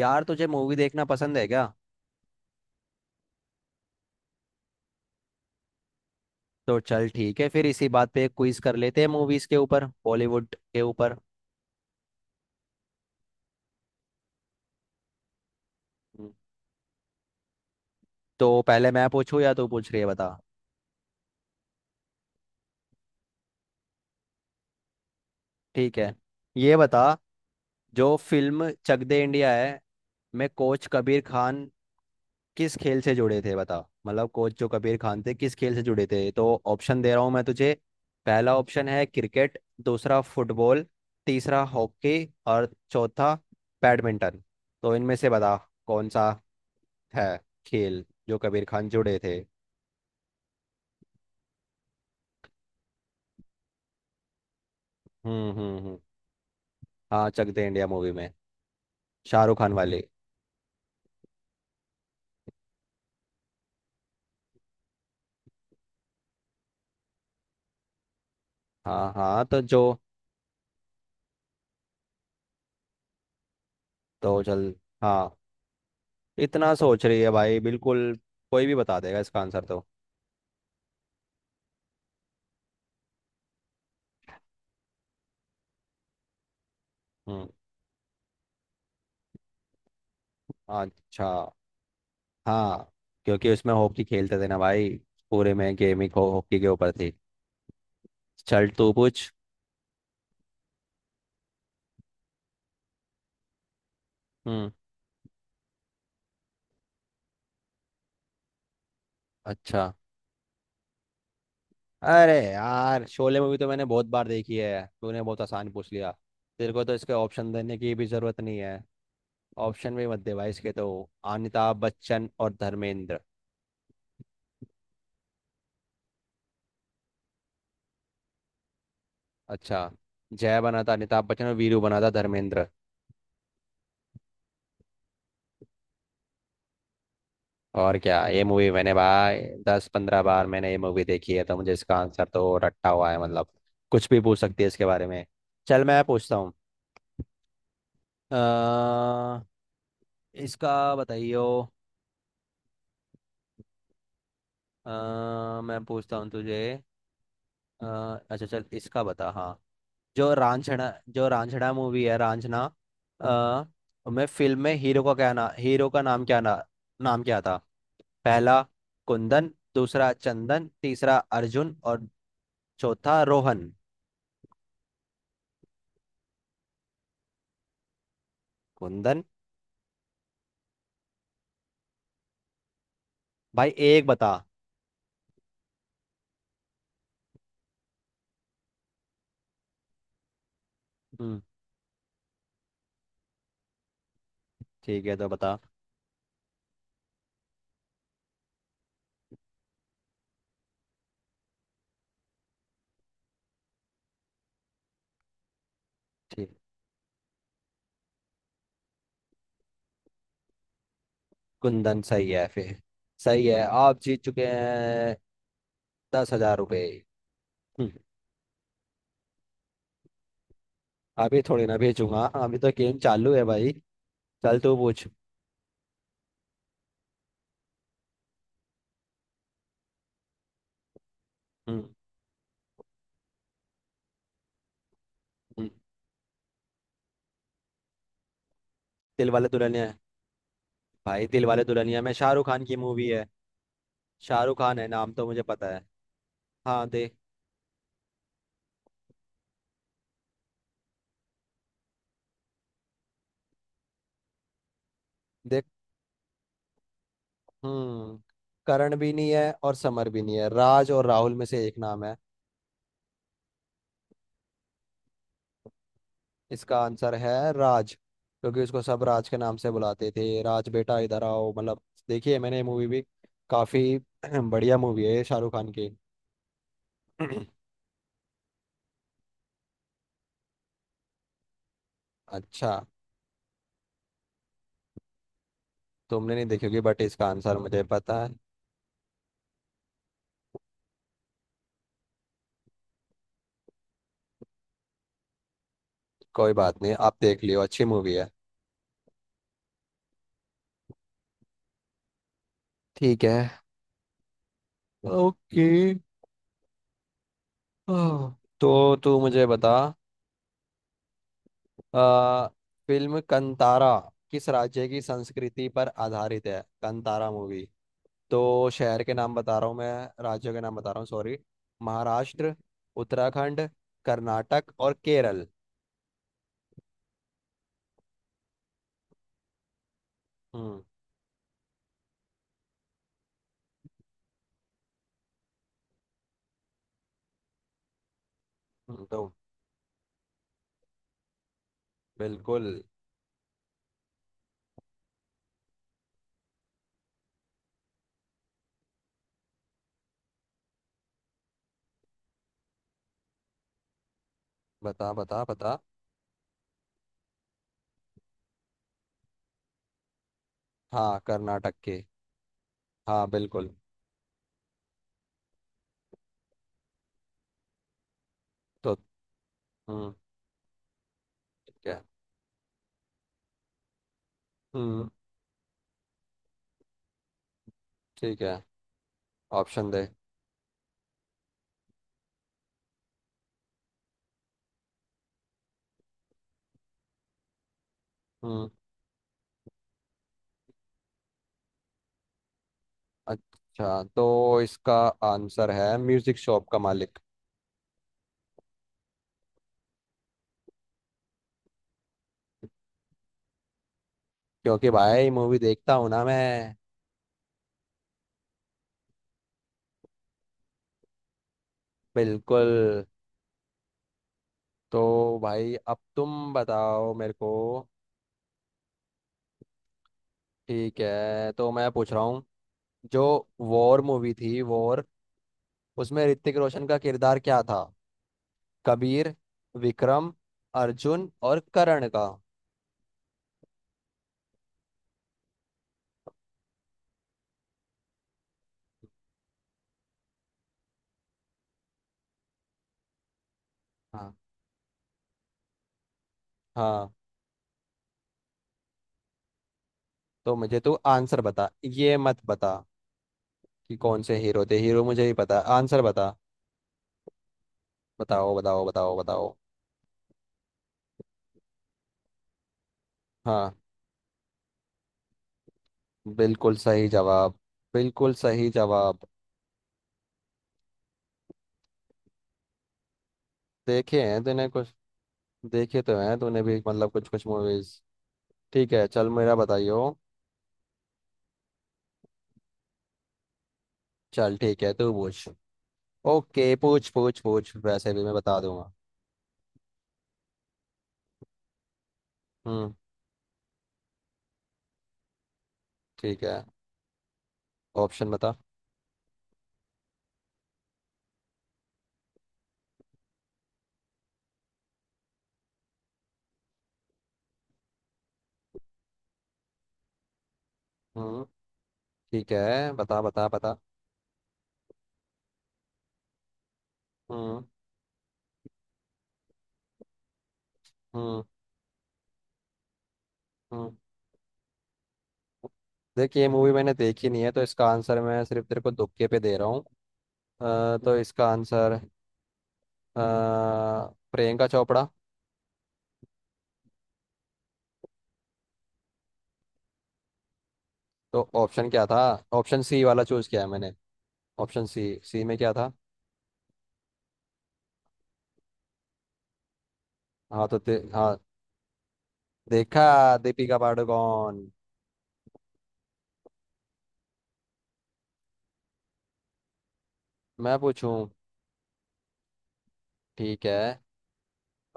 यार तुझे मूवी देखना पसंद है क्या। तो चल ठीक है फिर इसी बात पे एक क्विज कर लेते हैं मूवीज के ऊपर, बॉलीवुड के ऊपर। हम्म। तो पहले मैं पूछूं या तू पूछ रही है, बता। ठीक है, ये बता, जो फिल्म चक दे इंडिया है में कोच कबीर खान किस खेल से जुड़े थे, बता। मतलब कोच जो कबीर खान थे किस खेल से जुड़े थे, तो ऑप्शन दे रहा हूँ मैं तुझे। पहला ऑप्शन है क्रिकेट, दूसरा फुटबॉल, तीसरा हॉकी और चौथा बैडमिंटन। तो इनमें से बता कौन सा है खेल जो कबीर खान जुड़े थे। हम्म हम्म हम्म हाँ चक दे इंडिया मूवी में, शाहरुख खान वाली। हाँ हाँ, तो जो तो चल। हाँ, इतना सोच रही है भाई, बिल्कुल कोई भी बता देगा इसका आंसर तो। हम्म। अच्छा। हाँ, क्योंकि उसमें हॉकी खेलते थे ना भाई, पूरे में गेमिंग हो हॉकी के ऊपर थी। चल तू पूछ। हम्म। अच्छा, अरे यार, शोले मूवी तो मैंने बहुत बार देखी है, तूने बहुत आसान पूछ लिया। तेरे को तो इसके ऑप्शन देने की भी जरूरत नहीं है, ऑप्शन भी मत दे भाई इसके तो। अमिताभ बच्चन और धर्मेंद्र। अच्छा, जय बना था अमिताभ बच्चन और वीरू बना था धर्मेंद्र। और क्या, ये मूवी मैंने भाई 10-15 बार मैंने ये मूवी देखी है, तो मुझे इसका आंसर तो रट्टा हुआ है, मतलब कुछ भी पूछ सकती है इसके बारे में। चल मैं पूछता हूँ। अ, इसका बताइयो। अ, मैं पूछता हूँ तुझे। अ, अच्छा चल इसका बता, हाँ। जो रांझना मूवी है रांझना, आ, मैं फिल्म में हीरो का नाम क्या ना नाम क्या था। पहला कुंदन, दूसरा चंदन, तीसरा अर्जुन और चौथा रोहन। कुंदन, भाई एक बता। हम्म। ठीक है, तो बता। ठीक, कुंदन सही है फिर। सही है, आप जीत चुके हैं 10,000 रुपये। हम्म। अभी थोड़ी ना भेजूंगा, अभी तो गेम चालू है भाई। चल तू पूछ। हम्म। हम्म, दिल वाले दुल्हनिया। भाई दिलवाले दुल्हनिया में शाहरुख खान की मूवी है, शाहरुख खान है नाम तो मुझे पता है। हाँ देख। देख। हम्म, करण भी नहीं है और समर भी नहीं है, राज और राहुल में से एक नाम है। इसका आंसर है राज, क्योंकि उसको सब राज के नाम से बुलाते थे, राज बेटा इधर आओ मतलब। देखिए मैंने ये मूवी भी काफी बढ़िया मूवी है शाहरुख खान की। अच्छा, तुमने नहीं देखी होगी बट इसका आंसर मुझे पता है। कोई बात नहीं, आप देख लियो, अच्छी मूवी है। ठीक है, ओके। हाँ। तो तू मुझे बता। आ, फिल्म कंतारा किस राज्य की संस्कृति पर आधारित है, कंतारा मूवी। तो शहर के नाम बता रहा हूँ, मैं राज्यों के नाम बता रहा हूँ सॉरी। महाराष्ट्र, उत्तराखंड, कर्नाटक और केरल। हम्म तो बिल्कुल। बता बता बता। हाँ, कर्नाटक के। हाँ बिल्कुल। तो हम्म, ठीक है। हम्म, ठीक है, ऑप्शन दे। हम्म। अच्छा, तो इसका आंसर है म्यूजिक शॉप का मालिक। क्योंकि भाई मूवी देखता हूँ ना मैं। बिल्कुल। तो भाई अब तुम बताओ मेरे को। ठीक है, तो मैं पूछ रहा हूँ। जो वॉर मूवी थी वॉर, उसमें ऋतिक रोशन का किरदार क्या था। कबीर, विक्रम, अर्जुन और करण का। हाँ हाँ, तो मुझे तू आंसर बता, ये मत बता कि कौन से हीरो थे, हीरो मुझे ही पता है, आंसर बता। बताओ बताओ बताओ बताओ। हाँ बिल्कुल सही जवाब, बिल्कुल सही जवाब। देखे हैं तूने कुछ, देखे तो हैं तूने भी मतलब कुछ कुछ मूवीज। ठीक है चल, मेरा बताइयो। चल ठीक है, तू पूछ। ओके, पूछ पूछ पूछ, वैसे भी मैं बता दूंगा। हम्म, ठीक है, ऑप्शन बता। हम्म, ठीक है, बता बता बता। हम्म हम्म हम्म देख ये मूवी मैंने देखी नहीं है, तो इसका आंसर मैं सिर्फ तेरे को तुक्के पे दे रहा हूँ। तो इसका आंसर, अ, प्रियंका चोपड़ा। तो ऑप्शन क्या था, ऑप्शन सी वाला चूज किया है मैंने। ऑप्शन सी सी में क्या था। हाँ, देखा, दीपिका पादुकोण। मैं पूछूं। ठीक है,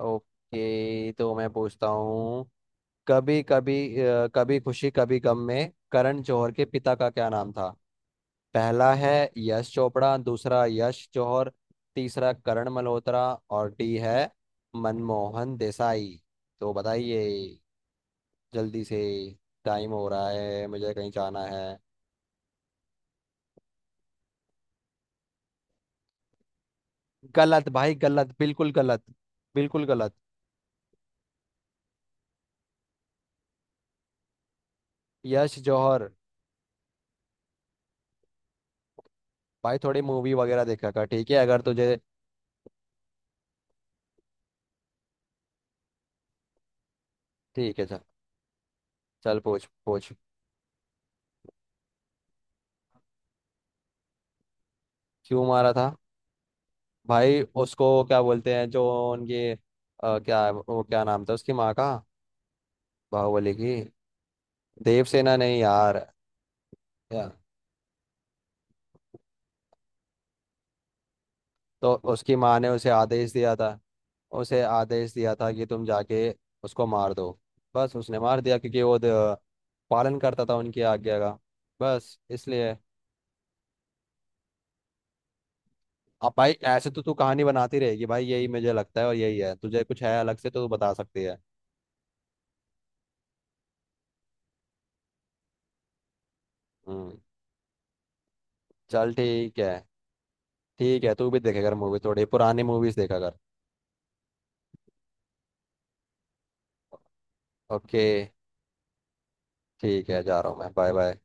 ओके, तो मैं पूछता हूँ। कभी कभी अ, कभी खुशी कभी गम में करण जौहर के पिता का क्या नाम था। पहला है यश चोपड़ा, दूसरा यश जौहर, तीसरा करण मल्होत्रा और डी है मनमोहन देसाई। तो बताइए जल्दी से, टाइम हो रहा है मुझे कहीं जाना है। गलत भाई, गलत, बिल्कुल गलत। यश जौहर, भाई थोड़ी मूवी वगैरह देखा कर, ठीक है अगर तुझे। ठीक है चल। चल पूछ पूछ। क्यों मारा था, भाई उसको क्या बोलते हैं जो उनकी, क्या वो क्या नाम था उसकी माँ का, बाहुबली की। देवसेना, नहीं यार। या, तो उसकी माँ ने उसे आदेश दिया था, उसे आदेश दिया था कि तुम जाके उसको मार दो, बस उसने मार दिया, क्योंकि वो पालन करता था उनकी आज्ञा का, बस इसलिए। अब भाई ऐसे तो तू कहानी बनाती रहेगी भाई, यही मुझे लगता है और यही है, तुझे कुछ है अलग से तो तू बता सकती है। हम्म। चल ठीक है। ठीक है, तू भी देखेगा मूवी, थोड़ी पुरानी मूवीज देखा कर। ओके, ठीक है, जा रहा हूँ मैं, बाय बाय।